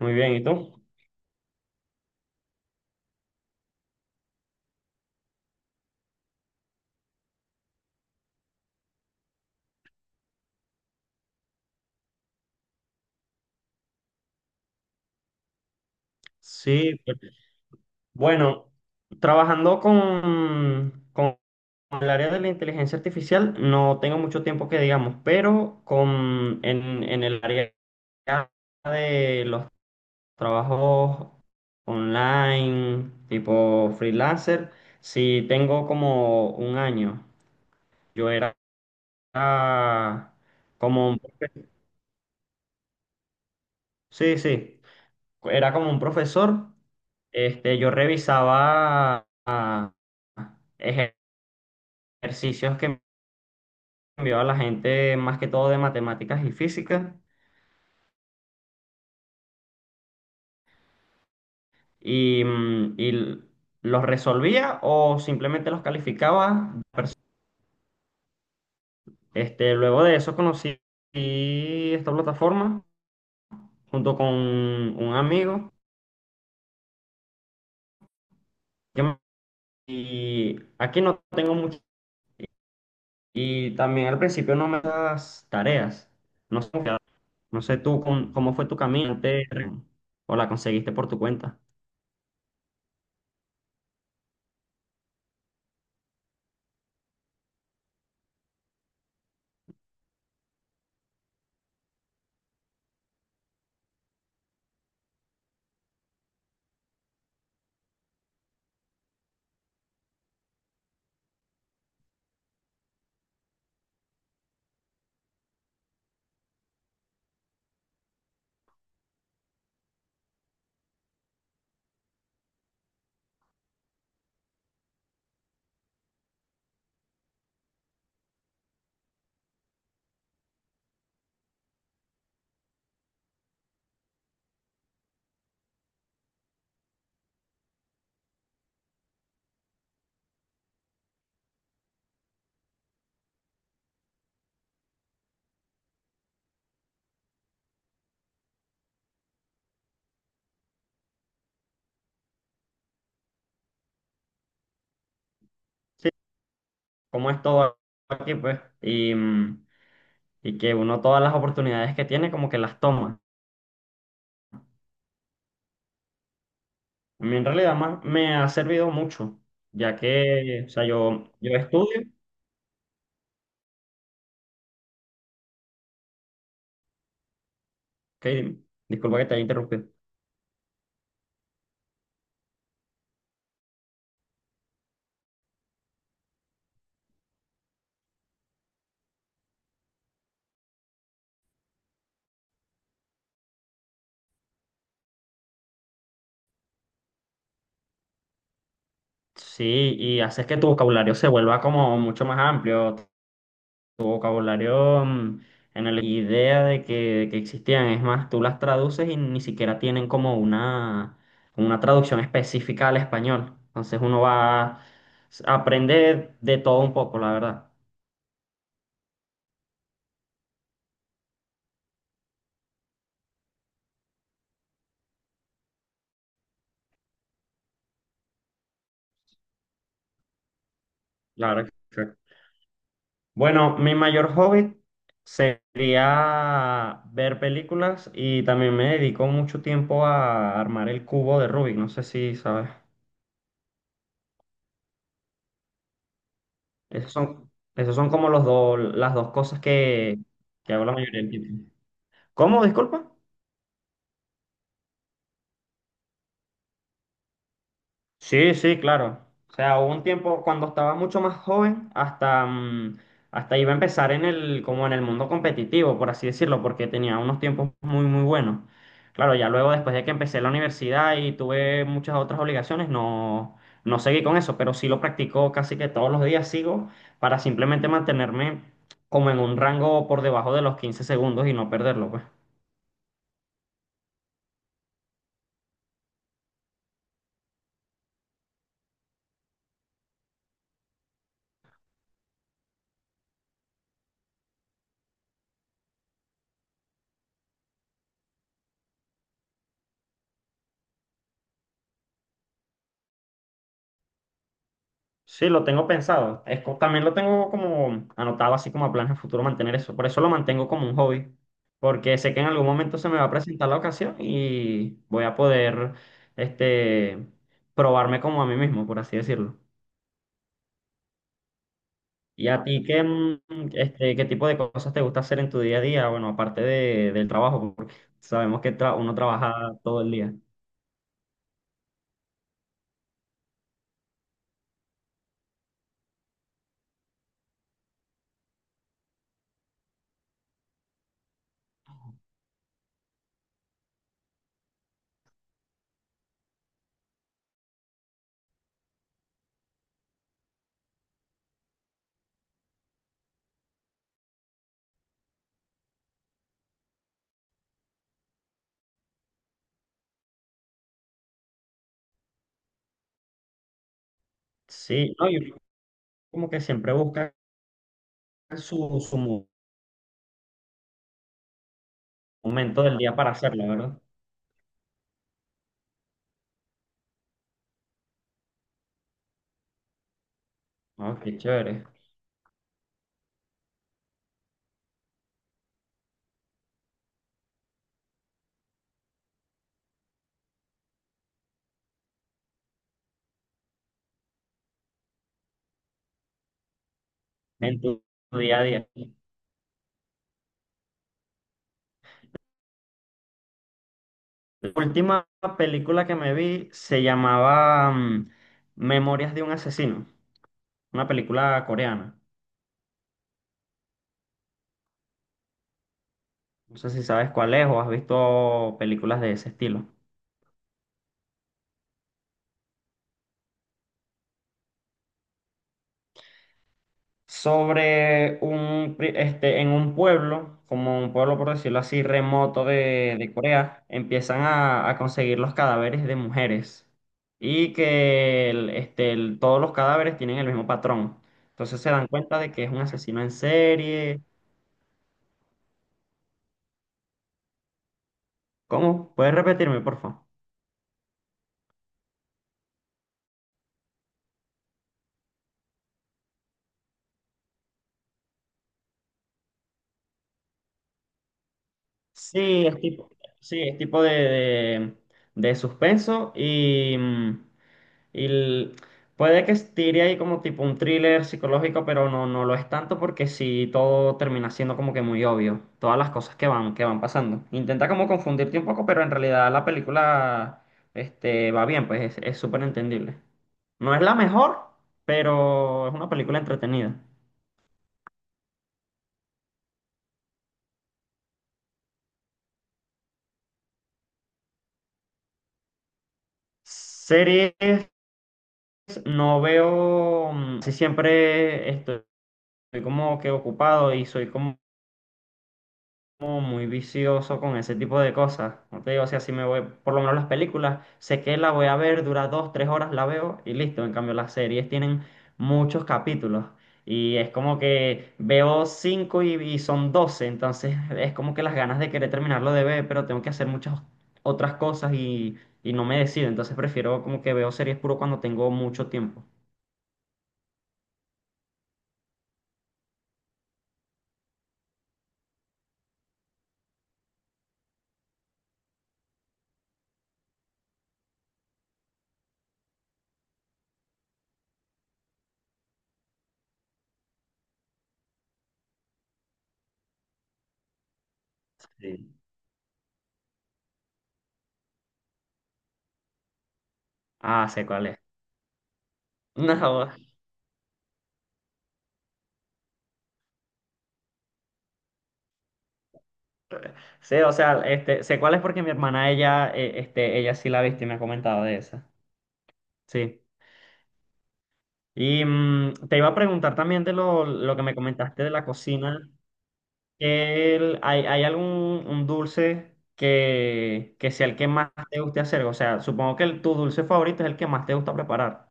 Muy bien, ¿y tú? Sí, pues, bueno, trabajando con el área de la inteligencia artificial, no tengo mucho tiempo que digamos, pero en el área de los trabajos online, tipo freelancer, sí tengo como un año. Yo era ah, como, un- sí, sí, era como un profesor, este, yo revisaba... ah, ejercicios que envió a la gente más que todo de matemáticas y física y, los resolvía o simplemente los calificaba. Luego de eso conocí esta plataforma junto con un amigo que me- y aquí no tengo mucho y también al principio no me das tareas. No sé, no sé tú cómo fue tu o la conseguiste por tu cuenta. Sí, cómo es todo aquí pues y que uno todas las oportunidades que tiene como que las toma. A mí en realidad me ha servido mucho, ya que, o sea, yo estudio, ok, dime. Disculpa que te haya interrumpido. Sí, y haces que tu vocabulario se vuelva como mucho más amplio, tu vocabulario, en la idea de que existían, es más, tú las traduces y ni siquiera tienen como una traducción específica al español. Entonces uno va a aprender de todo un poco, la verdad. Claro. Bueno, mi mayor hobby sería ver películas y también me dedico mucho tiempo a armar el cubo de Rubik. No sé si sabes. Esos son, esos son como los dos, las dos cosas que hago la mayoría del tiempo. ¿Cómo? Disculpa. Sí, sí, claro. O sea, hubo un tiempo cuando estaba mucho más joven, hasta iba a empezar en el, como en el mundo competitivo, por así decirlo, porque tenía unos tiempos muy, muy buenos. Claro, ya luego después de que empecé la universidad y tuve muchas otras obligaciones, no, no seguí con eso, pero sí lo practico casi que todos los días sigo para simplemente mantenerme como en un rango por debajo de los 15 segundos y no perderlo, pues. Sí, lo tengo pensado. Es, también lo tengo como anotado así como a planes a futuro mantener eso. Por eso lo mantengo como un hobby, porque sé que en algún momento se me va a presentar la ocasión y voy a poder, este, probarme como a mí mismo, por así decirlo. ¿Y a ti qué, qué tipo de cosas te gusta hacer en tu día a día? Bueno, aparte de, del trabajo, porque sabemos que uno trabaja todo el día. Sí, no, y uno como que siempre busca su, momento del día para hacerlo, ¿verdad? No, qué chévere. En tu, tu día a día. La última película que me vi se llamaba, Memorias de un asesino, una película coreana. No sé si sabes cuál es o has visto películas de ese estilo. Sobre un, en un pueblo, como un pueblo por decirlo así, remoto de Corea, empiezan a conseguir los cadáveres de mujeres y que el- este, el- todos los cadáveres tienen el mismo patrón. Entonces se dan cuenta de que es un asesino en serie. ¿Cómo? ¿Puedes repetirme, por favor? Sí, sí, es tipo de suspenso y, y el- puede que estire ahí como tipo un thriller psicológico, pero no, no lo es tanto porque sí todo termina siendo como que muy obvio, todas las cosas que van pasando. Intenta como confundirte un poco, pero en realidad la película, este, va bien, pues es súper entendible. No es la mejor, pero es una película entretenida. Series, no veo, si siempre estoy como que ocupado y soy como como muy vicioso con ese tipo de cosas. No te digo, o sea, si me voy, por lo menos las películas, sé que la voy a ver, dura dos, tres horas, la veo y listo. En cambio, las series tienen muchos capítulos y es como que veo cinco y son doce, entonces es como que las ganas de querer terminarlo de ver, pero tengo que hacer muchas otras cosas y no me decido. Entonces prefiero como que veo series puro cuando tengo mucho tiempo. Ah, sé cuál es. No, sé, o sea, este, sé cuál es porque mi hermana, ella, ella sí la viste y me ha comentado de esa. Sí. Y, mm, te iba a preguntar también lo que me comentaste de la cocina. ¿Hay, hay algún un dulce que sea el que más te guste hacer? O sea, supongo que tu dulce favorito es el que más te gusta preparar.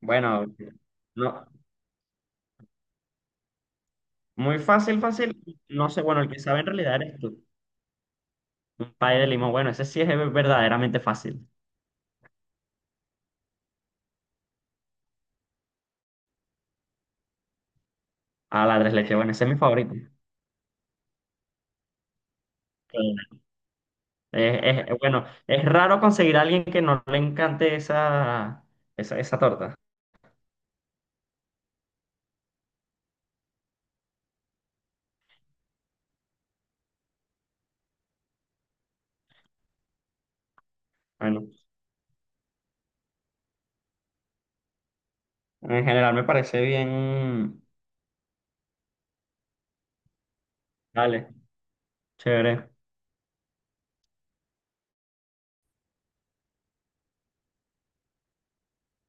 Bueno, no, muy fácil, fácil. No sé, bueno, el que sabe en realidad eres tú. Un pay de limón, bueno, ese sí es verdaderamente fácil. Ah, la tres leches, bueno, ese es mi favorito. Sí. Bueno, es raro conseguir a alguien que no le encante esa torta. Bueno, en general me parece bien. Dale, chévere.